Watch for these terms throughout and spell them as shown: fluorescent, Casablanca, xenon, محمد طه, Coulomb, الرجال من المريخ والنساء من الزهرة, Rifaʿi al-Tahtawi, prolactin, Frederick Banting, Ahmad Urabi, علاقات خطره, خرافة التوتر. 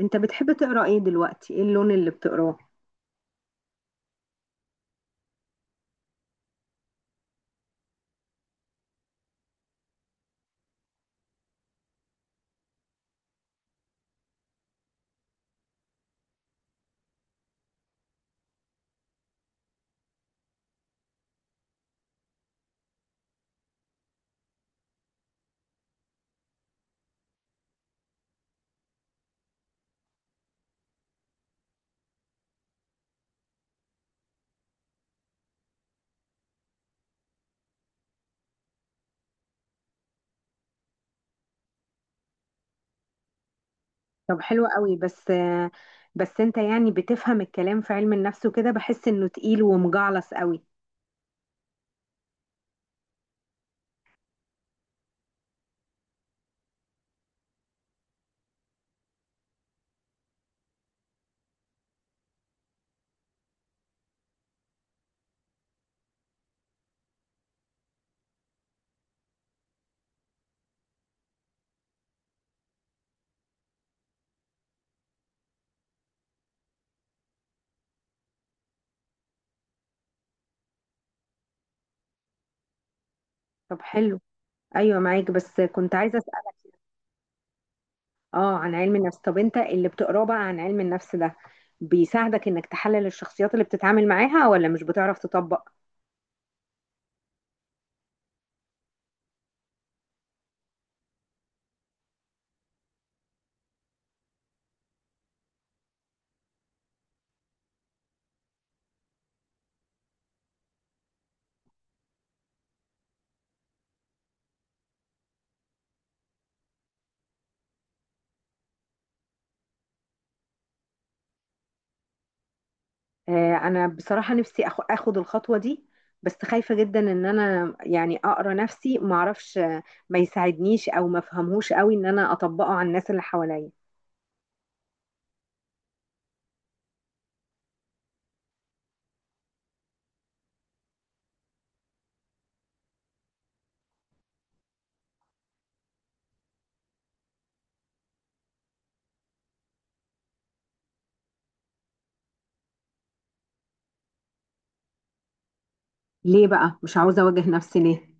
انت بتحب تقرا ايه دلوقتي؟ ايه اللون اللي بتقراه؟ طب حلو قوي. بس بس انت يعني بتفهم الكلام في علم النفس وكده؟ بحس انه تقيل ومجعلص قوي. طب حلو. ايوه معاك، بس كنت عايزه اسالك. اه، عن علم النفس. طب انت اللي بتقراه بقى عن علم النفس ده بيساعدك انك تحلل الشخصيات اللي بتتعامل معاها، ولا مش بتعرف تطبق؟ انا بصراحه نفسي اخد الخطوه دي. بس خايفه جدا ان انا يعني اقرا نفسي ما اعرفش، ما يساعدنيش او ما افهمهوش قوي ان انا اطبقه على الناس اللي حواليا. ليه بقى مش عاوزة أواجه نفسي ليه؟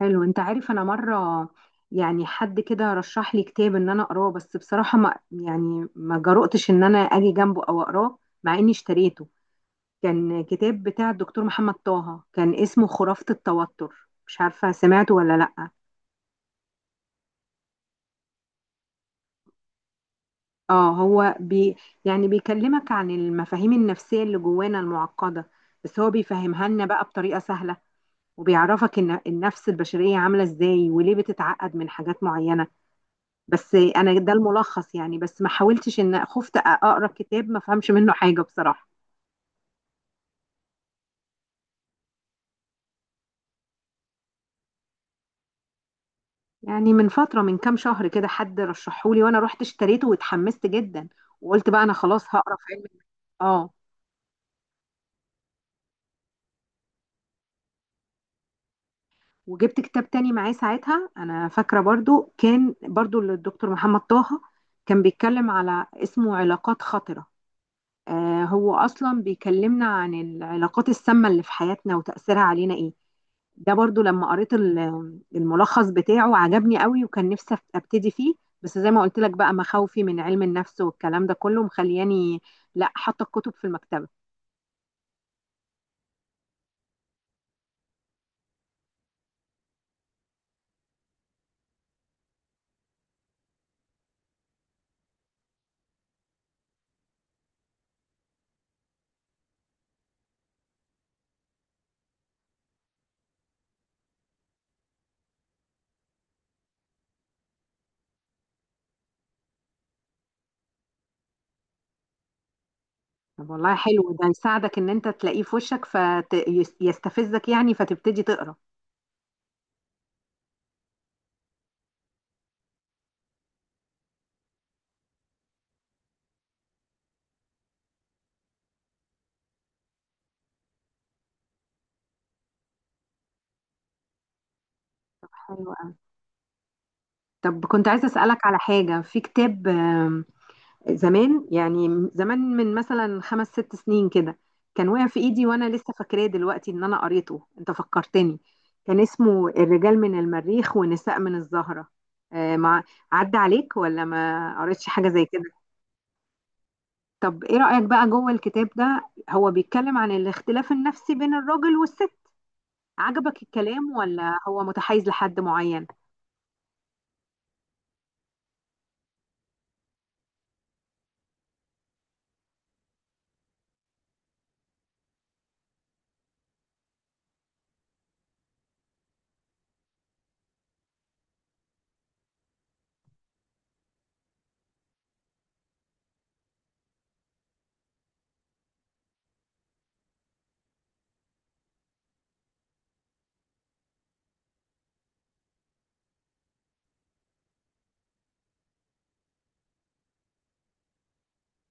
حلو. أنت عارف أنا مرة، يعني حد كده رشح لي كتاب إن أنا أقراه، بس بصراحة ما يعني ما جرؤتش إن أنا أجي جنبه أو أقراه مع إني اشتريته. كان كتاب بتاع الدكتور محمد طه، كان اسمه خرافة التوتر، مش عارفة سمعته ولا لأ. اه، هو بي، يعني بيكلمك عن المفاهيم النفسية اللي جوانا المعقدة، بس هو بيفهمها لنا بقى بطريقة سهلة. وبيعرفك ان النفس البشرية عاملة ازاي وليه بتتعقد من حاجات معينة. بس انا ده الملخص، يعني بس ما حاولتش، ان خفت اقرا كتاب ما فهمش منه حاجة بصراحة. يعني من فترة، من كام شهر كده، حد رشحهولي وانا رحت اشتريته واتحمست جدا، وقلت بقى انا خلاص هقرا في علم. اه. وجبت كتاب تاني معاه ساعتها، انا فاكره برضو كان برضو للدكتور محمد طه، كان بيتكلم على اسمه علاقات خطره. آه، هو اصلا بيكلمنا عن العلاقات السامه اللي في حياتنا وتاثيرها علينا ايه. ده برضو لما قريت الملخص بتاعه عجبني قوي، وكان نفسي ابتدي فيه. بس زي ما قلت لك بقى مخاوفي من علم النفس والكلام ده كله مخلياني، لا، حاطه الكتب في المكتبه. طب والله حلو. ده يساعدك ان انت تلاقيه في وشك فيستفزك، يعني فتبتدي تقرا. حلو أوي. طب كنت عايزة أسألك على حاجة في كتاب، زمان، يعني زمان من مثلا 5 6 سنين كده، كان واقع في إيدي وأنا لسه فاكراه دلوقتي إن أنا قريته. أنت فكرتني. كان اسمه الرجال من المريخ والنساء من الزهرة. مع، عدى عليك ولا ما قريتش حاجة زي كده؟ طب إيه رأيك بقى؟ جوه الكتاب ده هو بيتكلم عن الاختلاف النفسي بين الراجل والست. عجبك الكلام ولا هو متحيز لحد معين؟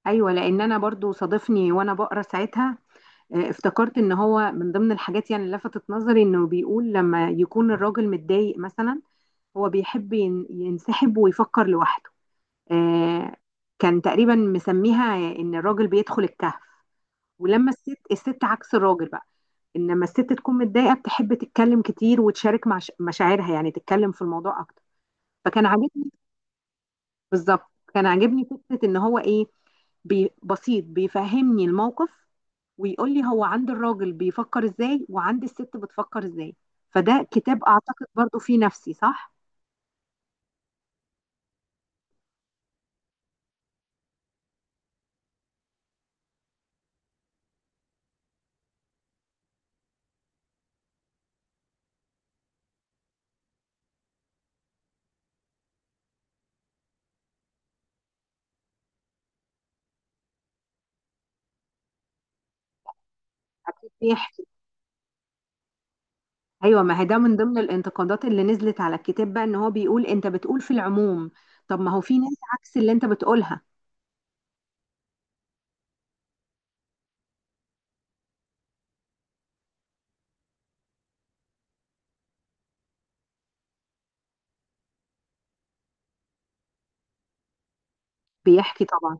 ايوه، لان انا برضو صادفني وانا بقرا ساعتها. افتكرت ان هو من ضمن الحاجات، يعني اللي لفتت نظري، انه بيقول لما يكون الراجل متضايق مثلا هو بيحب ينسحب ويفكر لوحده. آه. كان تقريبا مسميها ان الراجل بيدخل الكهف. ولما الست عكس الراجل بقى، انما الست تكون متضايقة بتحب تتكلم كتير وتشارك مع مشاعرها، يعني تتكلم في الموضوع اكتر. فكان عاجبني، بالظبط كان عاجبني فكرة ان هو ايه، بي بسيط بيفهمني الموقف ويقول لي هو عند الراجل بيفكر ازاي وعند الست بتفكر ازاي. فده كتاب اعتقد برضو فيه نفسي صح. اكيد بيحكي. ايوه، ما هي ده من ضمن الانتقادات اللي نزلت على الكتاب بقى، ان هو بيقول انت بتقول في العموم. طب ما هو في ناس عكس اللي انت بتقولها. بيحكي طبعا.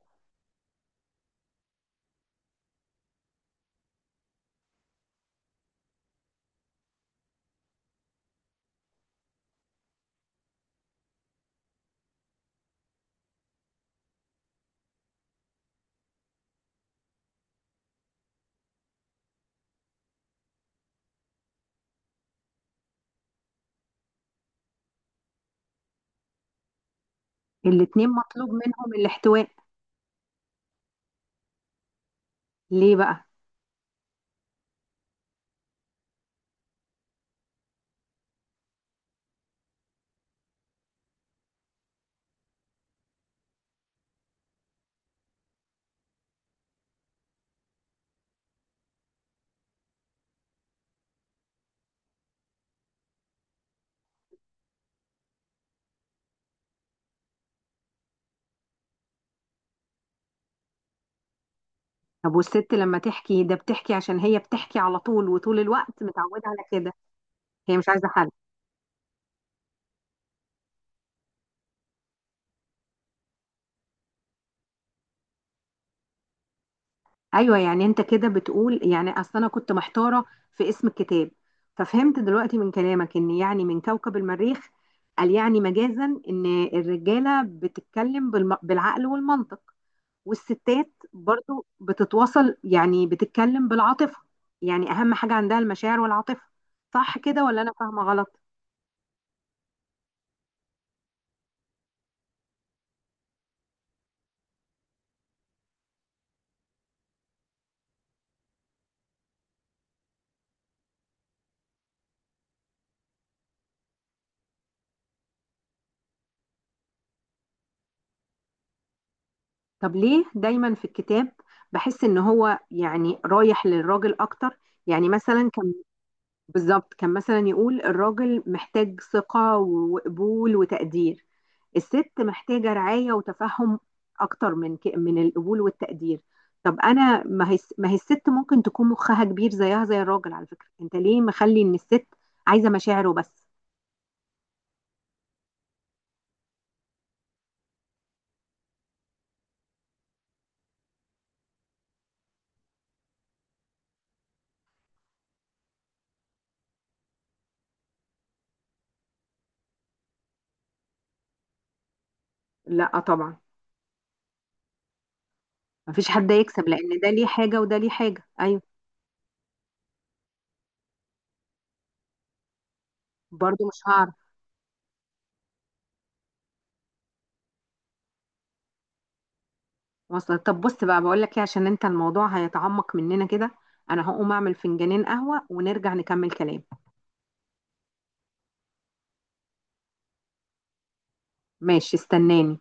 الاتنين مطلوب منهم الاحتواء. ليه بقى؟ طب والست لما تحكي ده بتحكي عشان هي بتحكي على طول، وطول الوقت متعودة على كده. هي مش عايزه حل. ايوه، يعني انت كده بتقول، يعني اصل انا كنت محتاره في اسم الكتاب، ففهمت دلوقتي من كلامك ان يعني من كوكب المريخ، قال يعني مجازا ان الرجاله بتتكلم بالعقل والمنطق، والستات برضو بتتواصل، يعني بتتكلم بالعاطفه. يعني اهم حاجه عندها المشاعر والعاطفه. صح كده ولا انا فاهمه غلط؟ طب ليه دايما في الكتاب بحس ان هو يعني رايح للراجل اكتر؟ يعني مثلا كان، بالظبط كان مثلا يقول الراجل محتاج ثقة وقبول وتقدير، الست محتاجة رعاية وتفهم أكتر من من القبول والتقدير. طب أنا، ما هي الست ممكن تكون مخها كبير زيها زي الراجل على فكرة. أنت ليه مخلي إن الست عايزة مشاعره بس؟ لا طبعا. مفيش حد يكسب، لأن ده ليه حاجة وده ليه حاجة. أيوه. برضو مش هعرف. وصل. طب بص بقى، بقول لك إيه، عشان أنت الموضوع هيتعمق مننا كده، أنا هقوم أعمل فنجانين قهوة ونرجع نكمل كلام. ماشي استناني.